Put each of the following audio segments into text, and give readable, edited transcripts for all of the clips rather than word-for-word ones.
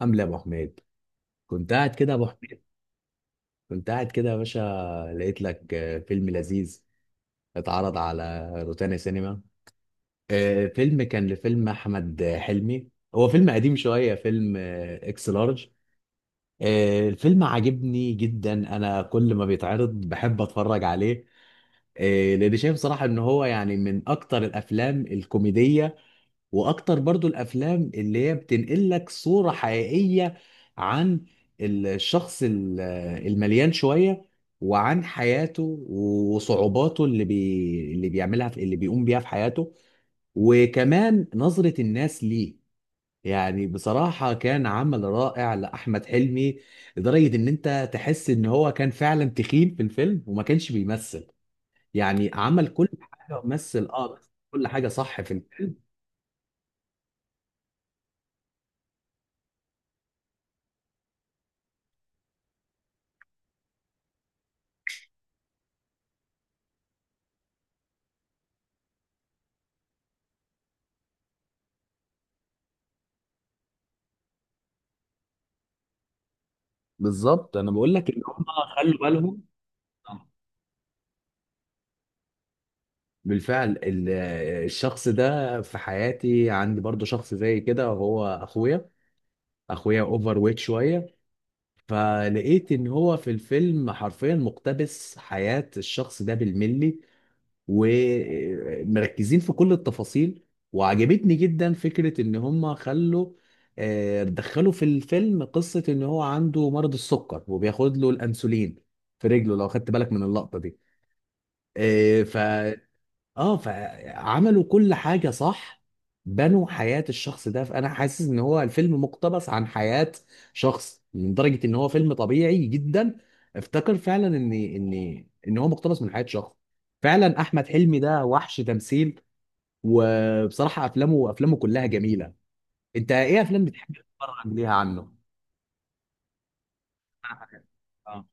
عامل ايه يا ابو حميد؟ كنت قاعد كده يا ابو حميد، كنت قاعد كده يا باشا. لقيت لك فيلم لذيذ اتعرض على روتانا سينما. فيلم كان لفيلم احمد حلمي. هو فيلم قديم شويه، فيلم اكس لارج. الفيلم عاجبني جدا، انا كل ما بيتعرض بحب اتفرج عليه. لان شايف صراحه ان هو يعني من اكتر الافلام الكوميديه، واكتر برضو الافلام اللي هي بتنقل لك صورة حقيقية عن الشخص المليان شوية، وعن حياته وصعوباته اللي بيقوم بيها في حياته، وكمان نظرة الناس ليه. يعني بصراحة كان عمل رائع لأحمد حلمي، لدرجة إن أنت تحس إن هو كان فعلا تخين في الفيلم وما كانش بيمثل. يعني عمل كل حاجة مثل كل حاجة صح في الفيلم. بالظبط انا بقول لك ان هم خلوا بالهم. آه. بالفعل الشخص ده في حياتي، عندي برضو شخص زي كده، هو اخويا. اخويا اوفر ويت شويه، فلقيت ان هو في الفيلم حرفيا مقتبس حياة الشخص ده بالملي، ومركزين في كل التفاصيل. وعجبتني جدا فكرة ان هم خلوا آه، دخلوا في الفيلم قصة ان هو عنده مرض السكر وبياخد له الانسولين في رجله، لو خدت بالك من اللقطة دي. إيه اه، فعملوا كل حاجة صح، بنوا حياة الشخص ده. فأنا حاسس إن هو الفيلم مقتبس عن حياة شخص، من درجة إن هو فيلم طبيعي جدا. افتكر فعلا إن هو مقتبس من حياة شخص. فعلا أحمد حلمي ده وحش تمثيل، وبصراحة أفلامه كلها جميلة. أنت إيه أفلام بتحب تتفرج ليها عنه؟ أنا حاجات. آه.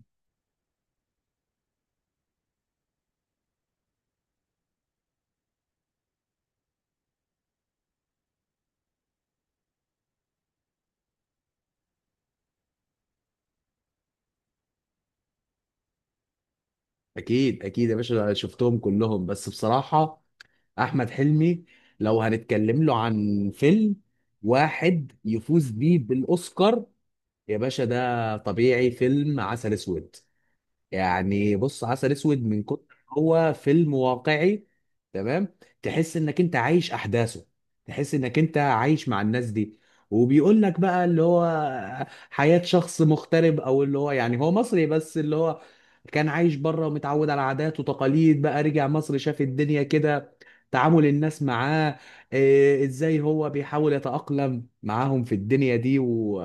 أكيد أكيد يا باشا، شفتهم كلهم بس بصراحة احمد حلمي لو هنتكلم له عن فيلم واحد يفوز بيه بالاوسكار، يا باشا ده طبيعي فيلم عسل اسود. يعني بص، عسل اسود من كتر هو فيلم واقعي، تمام، تحس انك انت عايش احداثه، تحس انك انت عايش مع الناس دي، وبيقول لك بقى اللي هو حياة شخص مغترب، او اللي هو يعني هو مصري بس اللي هو كان عايش بره ومتعود على عادات وتقاليد، بقى رجع مصر شاف الدنيا كده، تعامل الناس معاه، إيه ازاي هو بيحاول يتأقلم معاهم في الدنيا دي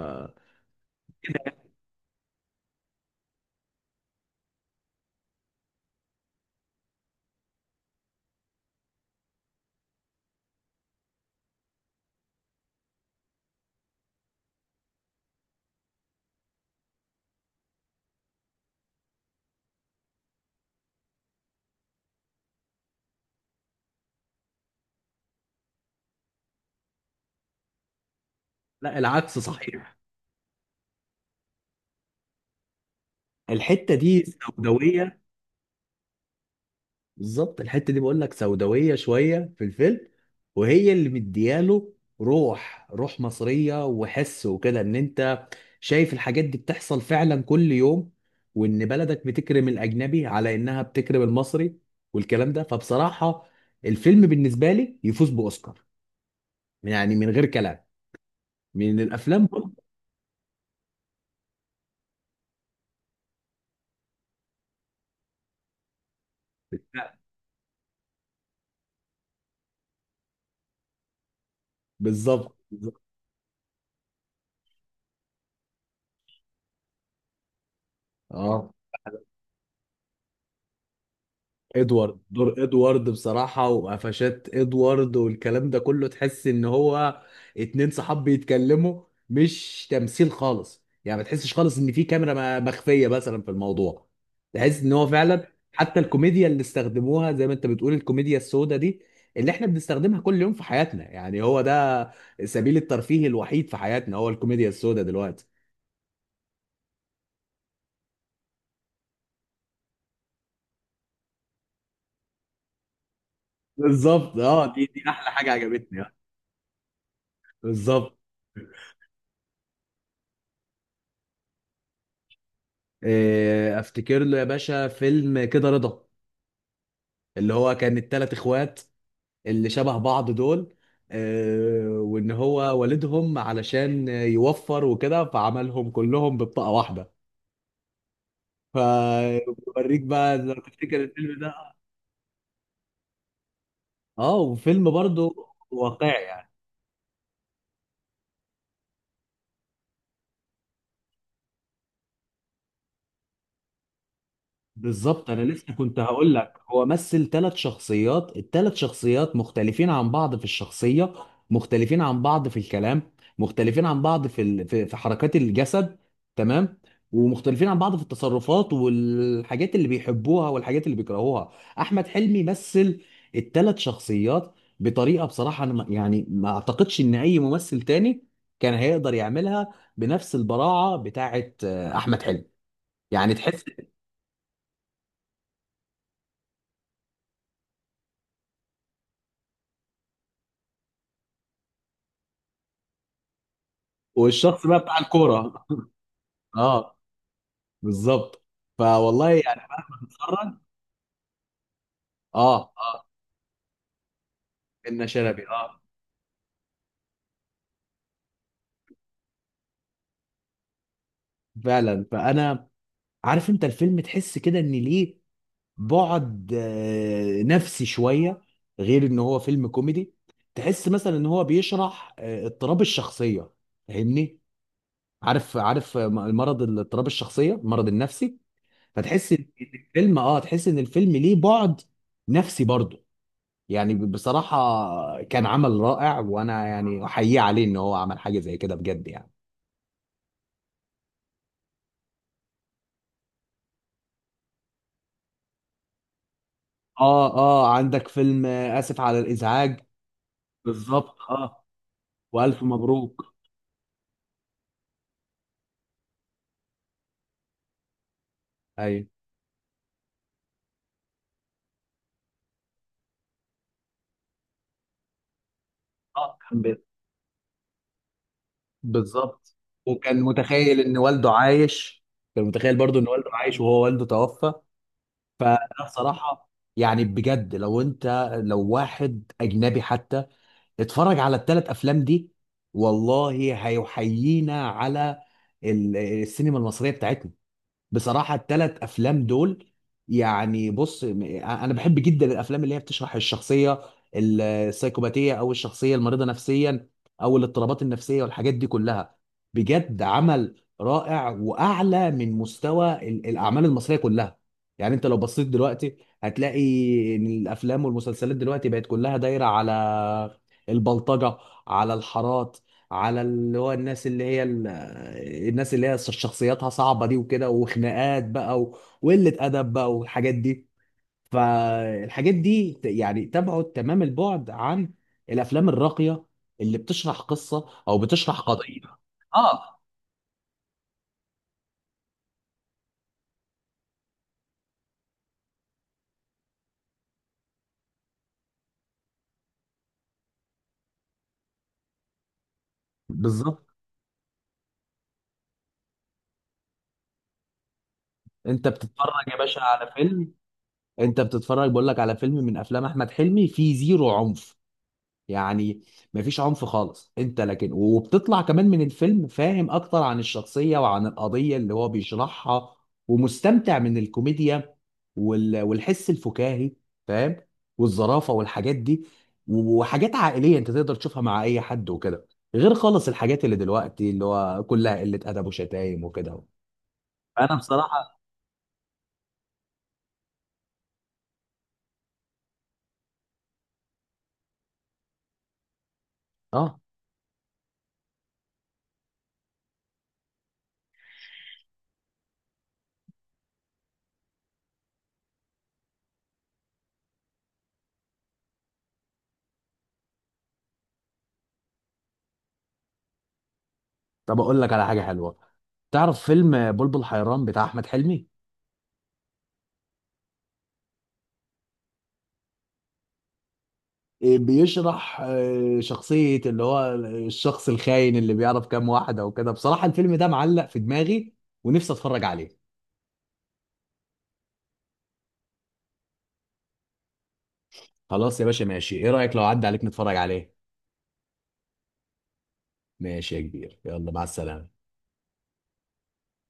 لا، العكس صحيح. الحتة دي سوداوية. بالظبط الحته دي بقول لك سوداويه شويه في الفيلم، وهي اللي مدياله روح روح مصريه، وحس وكده ان انت شايف الحاجات دي بتحصل فعلا كل يوم، وان بلدك بتكرم الاجنبي على انها بتكرم المصري والكلام ده. فبصراحه الفيلم بالنسبه لي يفوز باوسكار، يعني من غير كلام، من الافلام. بالظبط. اه، ادوارد، دور ادوارد بصراحة، وقفشات ادوارد والكلام ده كله تحس ان هو اتنين صحاب بيتكلموا، مش تمثيل خالص، يعني ما تحسش خالص ان في كاميرا مخفية مثلا في الموضوع. تحس ان هو فعلا حتى الكوميديا اللي استخدموها، زي ما انت بتقول الكوميديا السوداء دي اللي احنا بنستخدمها كل يوم في حياتنا، يعني هو ده سبيل الترفيه الوحيد في حياتنا، هو الكوميديا السوداء دلوقتي. بالظبط. اه، دي احلى حاجة عجبتني بالظبط. إيه، افتكر له يا باشا فيلم كده رضا، اللي هو كان التلات اخوات اللي شبه بعض دول، إيه، وان هو والدهم علشان يوفر وكده فعملهم كلهم ببطاقة واحدة، فبوريك بقى لو تفتكر الفيلم ده. اه، وفيلم برضه واقعي يعني. بالظبط، انا لسه كنت هقول لك هو مثل ثلاث شخصيات، الثلاث شخصيات مختلفين عن بعض في الشخصيه، مختلفين عن بعض في الكلام، مختلفين عن بعض في حركات الجسد، تمام، ومختلفين عن بعض في التصرفات والحاجات اللي بيحبوها والحاجات اللي بيكرهوها. احمد حلمي مثل الثلاث شخصيات بطريقه، بصراحه انا يعني ما اعتقدش ان اي ممثل تاني كان هيقدر يعملها بنفس البراعه بتاعه احمد حلمي. يعني تحس. والشخص بقى بتاع الكوره. اه. بالظبط. فوالله يعني مهما تتفرج. اه، اه، ان شلبي، اه. فعلا فانا عارف انت الفيلم، تحس كده ان ليه بعد نفسي شويه، غير ان هو فيلم كوميدي. تحس مثلا ان هو بيشرح اضطراب الشخصيه، فاهمني؟ عارف، عارف مرض الاضطراب الشخصيه، المرض النفسي. فتحس ان الفيلم، تحس ان الفيلم ليه بعد نفسي برضه. يعني بصراحة كان عمل رائع، وأنا يعني أحييه عليه إن هو عمل حاجة زي كده بجد يعني. آه آه، عندك فيلم آسف على الإزعاج. بالظبط، وألف مبروك. أيوه، كان بالظبط. وكان متخيل إن والده عايش، كان متخيل برضو إن والده عايش وهو والده توفى. فأنا بصراحة يعني بجد، لو أنت لو واحد أجنبي حتى اتفرج على الثلاث افلام دي، والله هيحيينا على السينما المصريه بتاعتنا. بصراحة التلات أفلام دول، يعني بص أنا بحب جدا الأفلام اللي هي بتشرح الشخصية السيكوباتية، أو الشخصية المريضة نفسيا، أو الاضطرابات النفسية والحاجات دي كلها. بجد عمل رائع وأعلى من مستوى الأعمال المصرية كلها. يعني أنت لو بصيت دلوقتي هتلاقي إن الأفلام والمسلسلات دلوقتي بقت كلها دايرة على البلطجة، على الحارات، على اللي هو الناس اللي هي شخصياتها صعبة دي وكده، وخناقات بقى وقلة أدب بقى والحاجات دي. فالحاجات دي يعني تبعد تمام البعد عن الأفلام الراقية اللي بتشرح قصة أو بتشرح قضية. اه بالظبط. انت بتتفرج يا باشا على فيلم، انت بتتفرج بقول لك على فيلم من افلام احمد حلمي فيه زيرو عنف، يعني مفيش عنف خالص انت، لكن وبتطلع كمان من الفيلم فاهم اكتر عن الشخصية وعن القضية اللي هو بيشرحها، ومستمتع من الكوميديا والحس الفكاهي، فاهم؟ والظرافة والحاجات دي، وحاجات عائلية انت تقدر تشوفها مع اي حد وكده، غير خالص الحاجات اللي دلوقتي اللي هو كلها قلة ادب وشتايم وكده. انا بصراحة اه طب اقول لك على حاجة حلوة، تعرف فيلم بلبل حيران بتاع احمد حلمي؟ بيشرح شخصية اللي هو الشخص الخاين اللي بيعرف كام واحدة وكده، بصراحة الفيلم ده معلق في دماغي ونفسي اتفرج عليه. خلاص يا باشا ماشي، ايه رأيك لو عدى عليك نتفرج عليه. ماشي يا كبير، يلا مع السلامة.